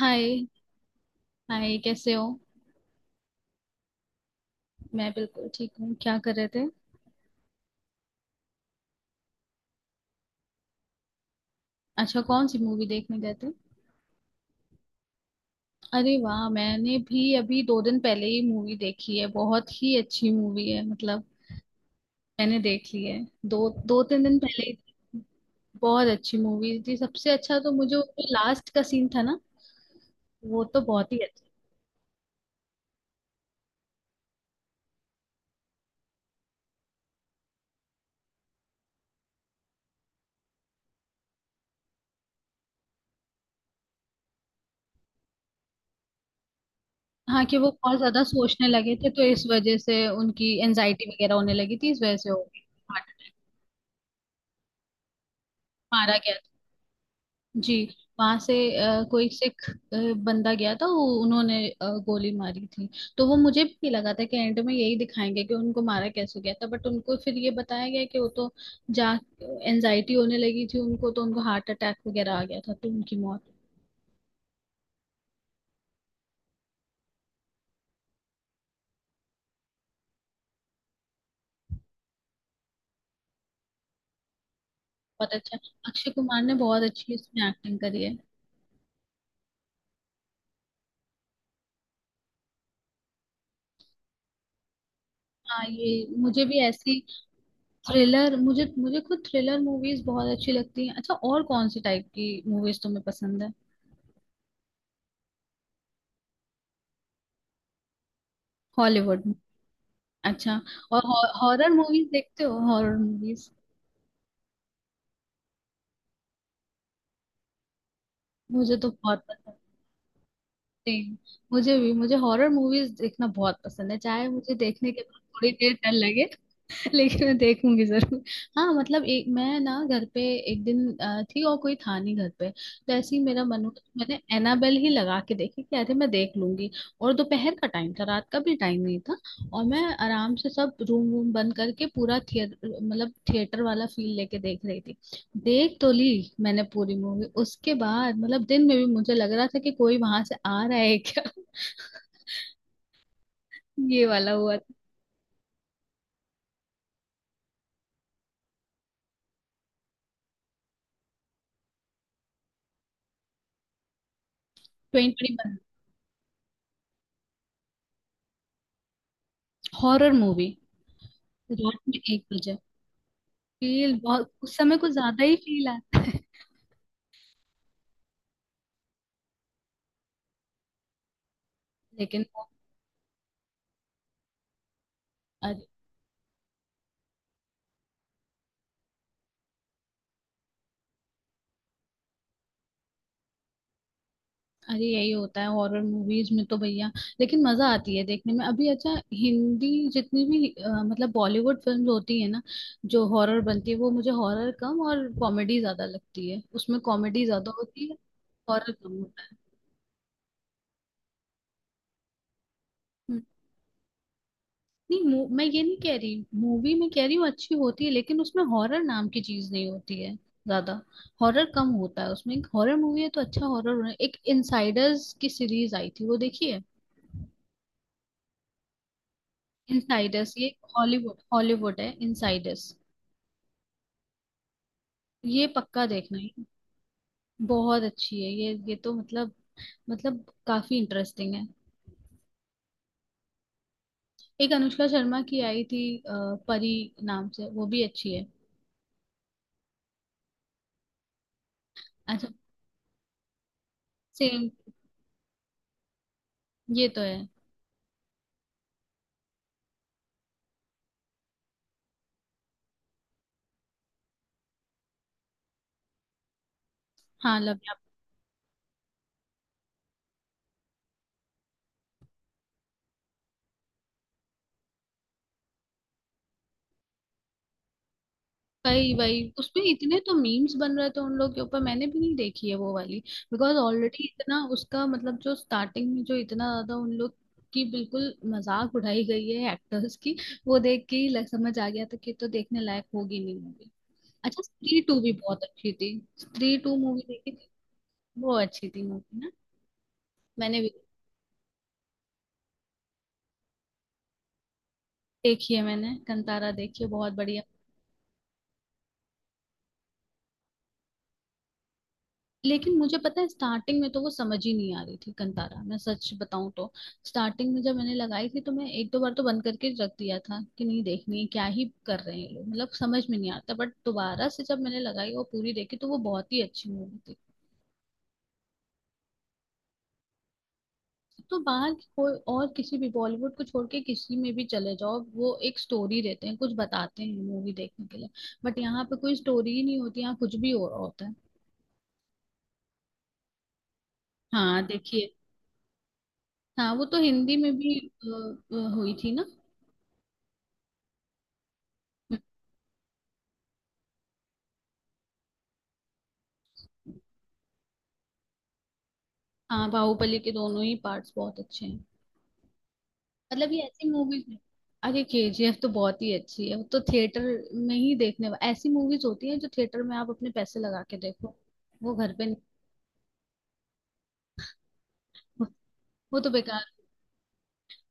हाय। Hi, कैसे हो? मैं बिल्कुल ठीक हूँ। क्या कर रहे थे? अच्छा, कौन सी मूवी देखने गए थे? अरे वाह! मैंने भी अभी दो दिन पहले ही मूवी देखी है। बहुत ही अच्छी मूवी है मतलब। मैंने देख ली है, दो दो तीन दिन पहले ही देखी। बहुत अच्छी मूवी थी। सबसे अच्छा तो मुझे उसमें लास्ट का सीन था ना, वो तो बहुत ही अच्छा। हाँ, कि वो बहुत ज्यादा सोचने लगे थे तो इस वजह से उनकी एनजाइटी वगैरह होने लगी थी, इस वजह से हो गई। मारा। जी। वहां से कोई सिख बंदा गया था, वो उन्होंने गोली मारी थी। तो वो मुझे भी लगा था कि एंड में यही दिखाएंगे कि उनको मारा कैसे गया था, बट उनको फिर ये बताया गया कि वो तो जा एनजाइटी होने लगी थी उनको, तो उनको हार्ट अटैक वगैरह आ गया था तो उनकी मौत। बहुत अच्छा। अक्षय कुमार ने बहुत अच्छी इसमें एक्टिंग करी है। हाँ, ये मुझे भी ऐसी, थ्रिलर मुझे मुझे खुद थ्रिलर मूवीज बहुत अच्छी लगती हैं। अच्छा, और कौन सी टाइप की मूवीज तुम्हें पसंद है? हॉलीवुड? अच्छा, और हॉरर मूवीज देखते हो? Horror movies? मुझे तो बहुत पसंद है। मुझे भी, मुझे हॉरर मूवीज देखना बहुत पसंद है, चाहे मुझे देखने के बाद थोड़ी देर डर लगे। लेकिन मैं देखूंगी जरूर। हाँ मतलब एक मैं ना घर पे एक दिन थी और कोई था नहीं घर पे, तो ऐसे ही मेरा मन हुआ तो मैंने एनाबेल ही लगा के देखी कि अरे मैं देख लूंगी। और दोपहर का टाइम था, रात का भी टाइम नहीं था। और मैं आराम से सब रूम वूम बंद करके पूरा थिएटर, मतलब थिएटर वाला फील लेके देख रही थी। देख तो ली मैंने पूरी मूवी, उसके बाद मतलब दिन में भी मुझे लग रहा था कि कोई वहां से आ रहा है क्या? ये वाला हुआ था। ट्वेंटी। Horror movie? रात में 1 बजे? फील बहुत, उस समय कुछ ज्यादा ही फील आता है। लेकिन। अरे! अरे, यही होता है हॉरर मूवीज में तो भैया। लेकिन मजा आती है देखने में। अभी अच्छा, हिंदी जितनी भी मतलब बॉलीवुड फिल्म होती है ना, जो हॉरर बनती है वो मुझे हॉरर कम और कॉमेडी ज्यादा लगती है, उसमें कॉमेडी ज्यादा होती है। हॉरर कम होता है। नहीं, मैं ये नहीं कह रही, मूवी में कह रही हूँ अच्छी होती है, लेकिन उसमें हॉरर नाम की चीज नहीं होती है ज्यादा। हॉरर कम होता है उसमें। हॉरर मूवी है तो अच्छा हॉरर होना। एक इनसाइडर्स की सीरीज आई थी, वो देखी है? इनसाइडर्स ये। हॉलीवुड। हॉलीवुड है इनसाइडर्स। ये पक्का देखना है। बहुत अच्छी है ये तो मतलब काफी इंटरेस्टिंग है। एक अनुष्का शर्मा की आई थी परी नाम से, वो भी अच्छी है। अच्छा। सेम। ये तो है। हाँ, लव। वही वही, उसमें इतने तो मीम्स बन रहे थे उन लोग के ऊपर, मैंने भी नहीं देखी है वो वाली। बिकॉज ऑलरेडी इतना उसका मतलब, जो स्टार्टिंग में जो इतना ज्यादा उन लोग की बिल्कुल मजाक उड़ाई गई है एक्टर्स की, वो देख के ही समझ आ गया था कि ये तो देखने लायक होगी नहीं मूवी। अच्छा, स्त्री टू भी बहुत अच्छी थी। स्त्री टू मूवी देखी थी? वो अच्छी थी मूवी ना। मैंने भी देखी है, मैंने कंतारा देखी है, बहुत बढ़िया। लेकिन मुझे पता है स्टार्टिंग में तो वो समझ ही नहीं आ रही थी कंतारा, मैं सच बताऊं तो। स्टार्टिंग में जब मैंने लगाई थी तो मैं एक दो बार तो बंद करके रख दिया था कि नहीं देखनी है, क्या ही कर रहे हैं ये लोग, मतलब समझ में नहीं आता। बट दोबारा से जब मैंने लगाई और पूरी देखी तो वो बहुत ही अच्छी मूवी थी। तो बाहर की कोई और, किसी भी बॉलीवुड को छोड़ के किसी में भी चले जाओ, वो एक स्टोरी देते हैं, कुछ बताते हैं मूवी देखने के लिए। बट यहाँ पे कोई स्टोरी ही नहीं होती, यहाँ कुछ भी हो रहा होता है। हाँ, देखिए। हाँ, वो तो हिंदी में भी अ, हुई थी ना। हाँ, बाहुबली के दोनों ही पार्ट्स बहुत अच्छे हैं। मतलब ये ऐसी मूवीज है। अरे केजीएफ तो बहुत ही अच्छी है, वो तो थिएटर में ही देखने ऐसी मूवीज होती हैं जो थिएटर में आप अपने पैसे लगा के देखो। वो घर पे नहीं। वो तो बेकार।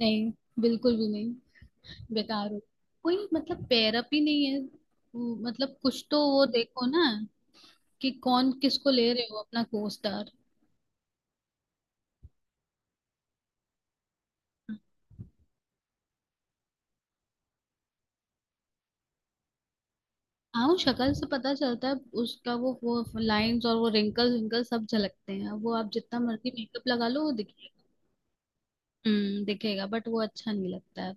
नहीं। बिल्कुल भी नहीं। बेकार हो। कोई मतलब पैरअप ही नहीं है। वो मतलब कुछ तो वो देखो ना, कि कौन किसको ले रहे हो अपना को स्टार। हाँ, वो शक्ल से पता चलता है। उसका वो लाइंस और वो रिंकल्स विंकल्स सब झलकते हैं, वो आप जितना मर्जी मेकअप लगा लो वो दिखेगा। दिखेगा, बट वो अच्छा नहीं लगता है।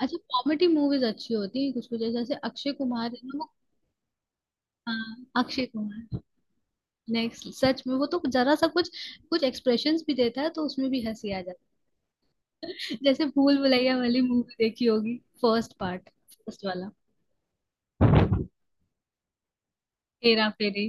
अच्छा, कॉमेडी मूवीज अच्छी होती है कुछ कुछ, जैसे अक्षय कुमार है ना वो। हाँ, अक्षय कुमार। नेक्स्ट सच में, वो तो जरा सा कुछ कुछ एक्सप्रेशंस भी देता है तो उसमें भी हंसी आ जाती है, जैसे भूल भुलैया वाली मूवी देखी होगी, फर्स्ट पार्ट। फर्स्ट वाला। हेरा फेरी।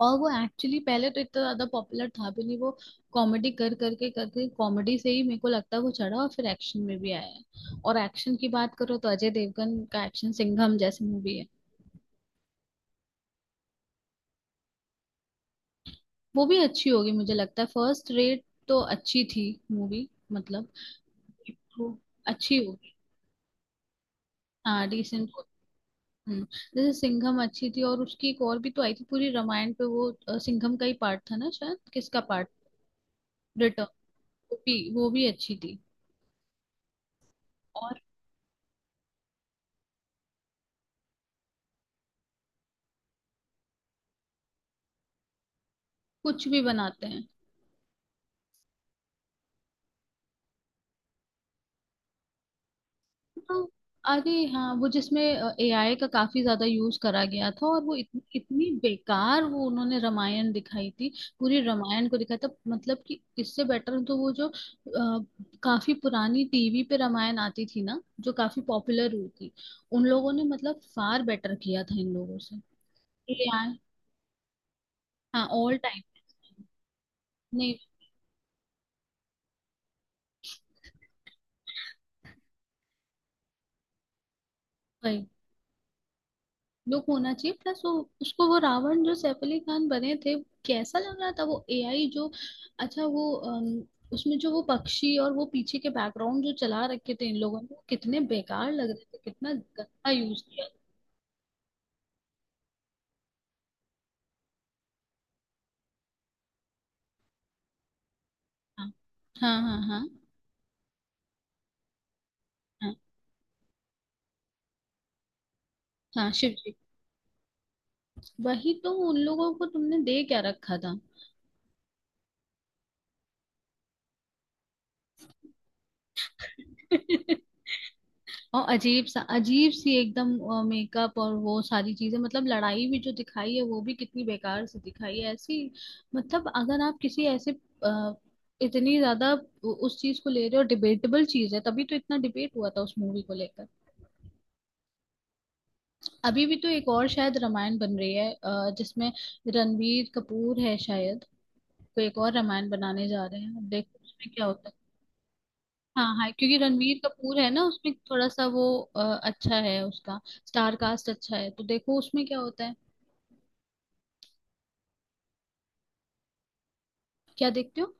और वो एक्चुअली पहले तो इतना ज्यादा पॉपुलर था भी नहीं वो, कॉमेडी कर करके करके कॉमेडी से ही मेरे को लगता है वो चढ़ा, और फिर एक्शन में भी आया है। और एक्शन की बात करो तो अजय देवगन का एक्शन, सिंघम जैसी मूवी है। वो भी अच्छी होगी मुझे लगता है, फर्स्ट रेट तो अच्छी थी मूवी मतलब। तो अच्छी होगी। हाँ, डिसेंट होगी। हम्म। जैसे सिंघम अच्छी थी, और उसकी एक और भी तो आई थी पूरी रामायण पे वो, सिंघम का ही पार्ट था ना शायद, किसका पार्ट? रिटर्न। वो भी अच्छी थी। और कुछ भी बनाते हैं। हाँ, अरे हाँ, वो जिसमें एआई का काफी ज्यादा यूज करा गया था, और वो इतनी इतनी बेकार वो उन्होंने रामायण दिखाई थी। पूरी रामायण को दिखाया था मतलब, कि इससे बेटर तो वो जो काफी पुरानी टीवी पे रामायण आती थी ना, जो काफी पॉपुलर हुई थी, उन लोगों ने मतलब फार बेटर किया था इन लोगों से। एआई। हाँ, ऑल टाइम। नहीं। लुक होना चाहिए प्लस वो, उसको वो रावण जो सैफ अली खान बने थे कैसा लग रहा था वो, एआई जो, अच्छा वो उसमें जो वो पक्षी और वो पीछे के बैकग्राउंड जो चला रखे थे इन लोगों ने, वो कितने बेकार लग रहे थे, कितना गंदा यूज किया था। हाँ हाँ हाँ हाँ हाँ। हाँ, शिव जी। वही तो, उन लोगों को तुमने दे क्या रखा था? और अजीब सा अजीब सी एकदम मेकअप, और वो सारी चीजें मतलब लड़ाई भी जो दिखाई है वो भी कितनी बेकार से दिखाई है ऐसी। मतलब अगर आप किसी ऐसे अ, इतनी ज्यादा उस चीज को ले रहे हो, डिबेटेबल चीज है तभी तो इतना डिबेट हुआ था उस मूवी को लेकर। अभी भी तो एक और शायद रामायण बन रही है जिसमें रणबीर कपूर है शायद। कोई एक और रामायण बनाने जा रहे हैं, अब देखो उसमें क्या होता है। हाँ हाँ, क्योंकि रणवीर कपूर है ना उसमें थोड़ा सा वो, अच्छा है उसका स्टार कास्ट, अच्छा है तो देखो उसमें क्या होता है। क्या देखते हो?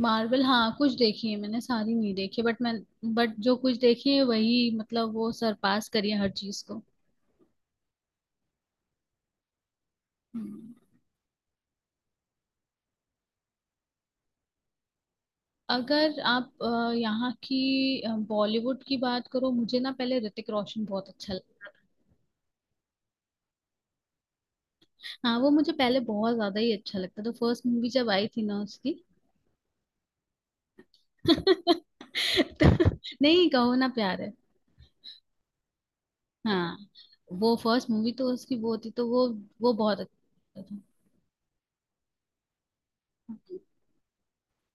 मार्वल? हाँ, कुछ देखी है मैंने, सारी नहीं देखी बट मैं, बट जो कुछ देखी है वही मतलब वो सरपास करी है हर चीज को। हम्म। अगर आप यहाँ की बॉलीवुड की बात करो, मुझे ना पहले ऋतिक रोशन बहुत अच्छा लगता था। हाँ, वो मुझे पहले बहुत ज्यादा ही अच्छा लगता था, फर्स्ट मूवी जब आई थी ना उसकी। तो नहीं, कहो ना प्यार है। हाँ, वो फर्स्ट मूवी तो उसकी वो थी, तो वो बहुत अच्छा था।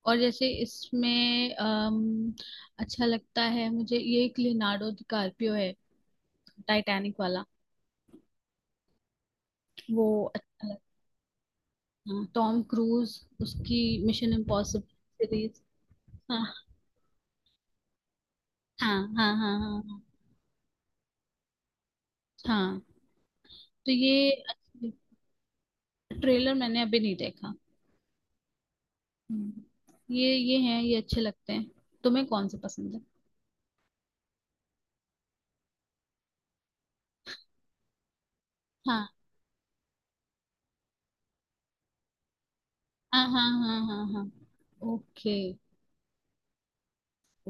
और जैसे इसमें अच्छा लगता है मुझे ये एक, लियोनार्डो डिकार्पियो है, टाइटैनिक वाला। वो अच्छा लगता है टॉम क्रूज, उसकी मिशन इम्पॉसिबल सीरीज। हाँ हाँ हाँ हाँ हाँ। हाँ, हाँ, तो ये। ट्रेलर मैंने अभी नहीं देखा। हम्म। ये हैं, ये अच्छे लगते हैं। तुम्हें कौन से पसंद है? हाँ हाँ हाँ हाँ हाँ हाँ। ओके।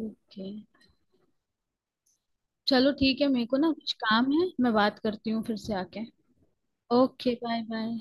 ओके, चलो ठीक है, मेरे को ना कुछ काम है, मैं बात करती हूँ फिर से आके। Okay, bye bye.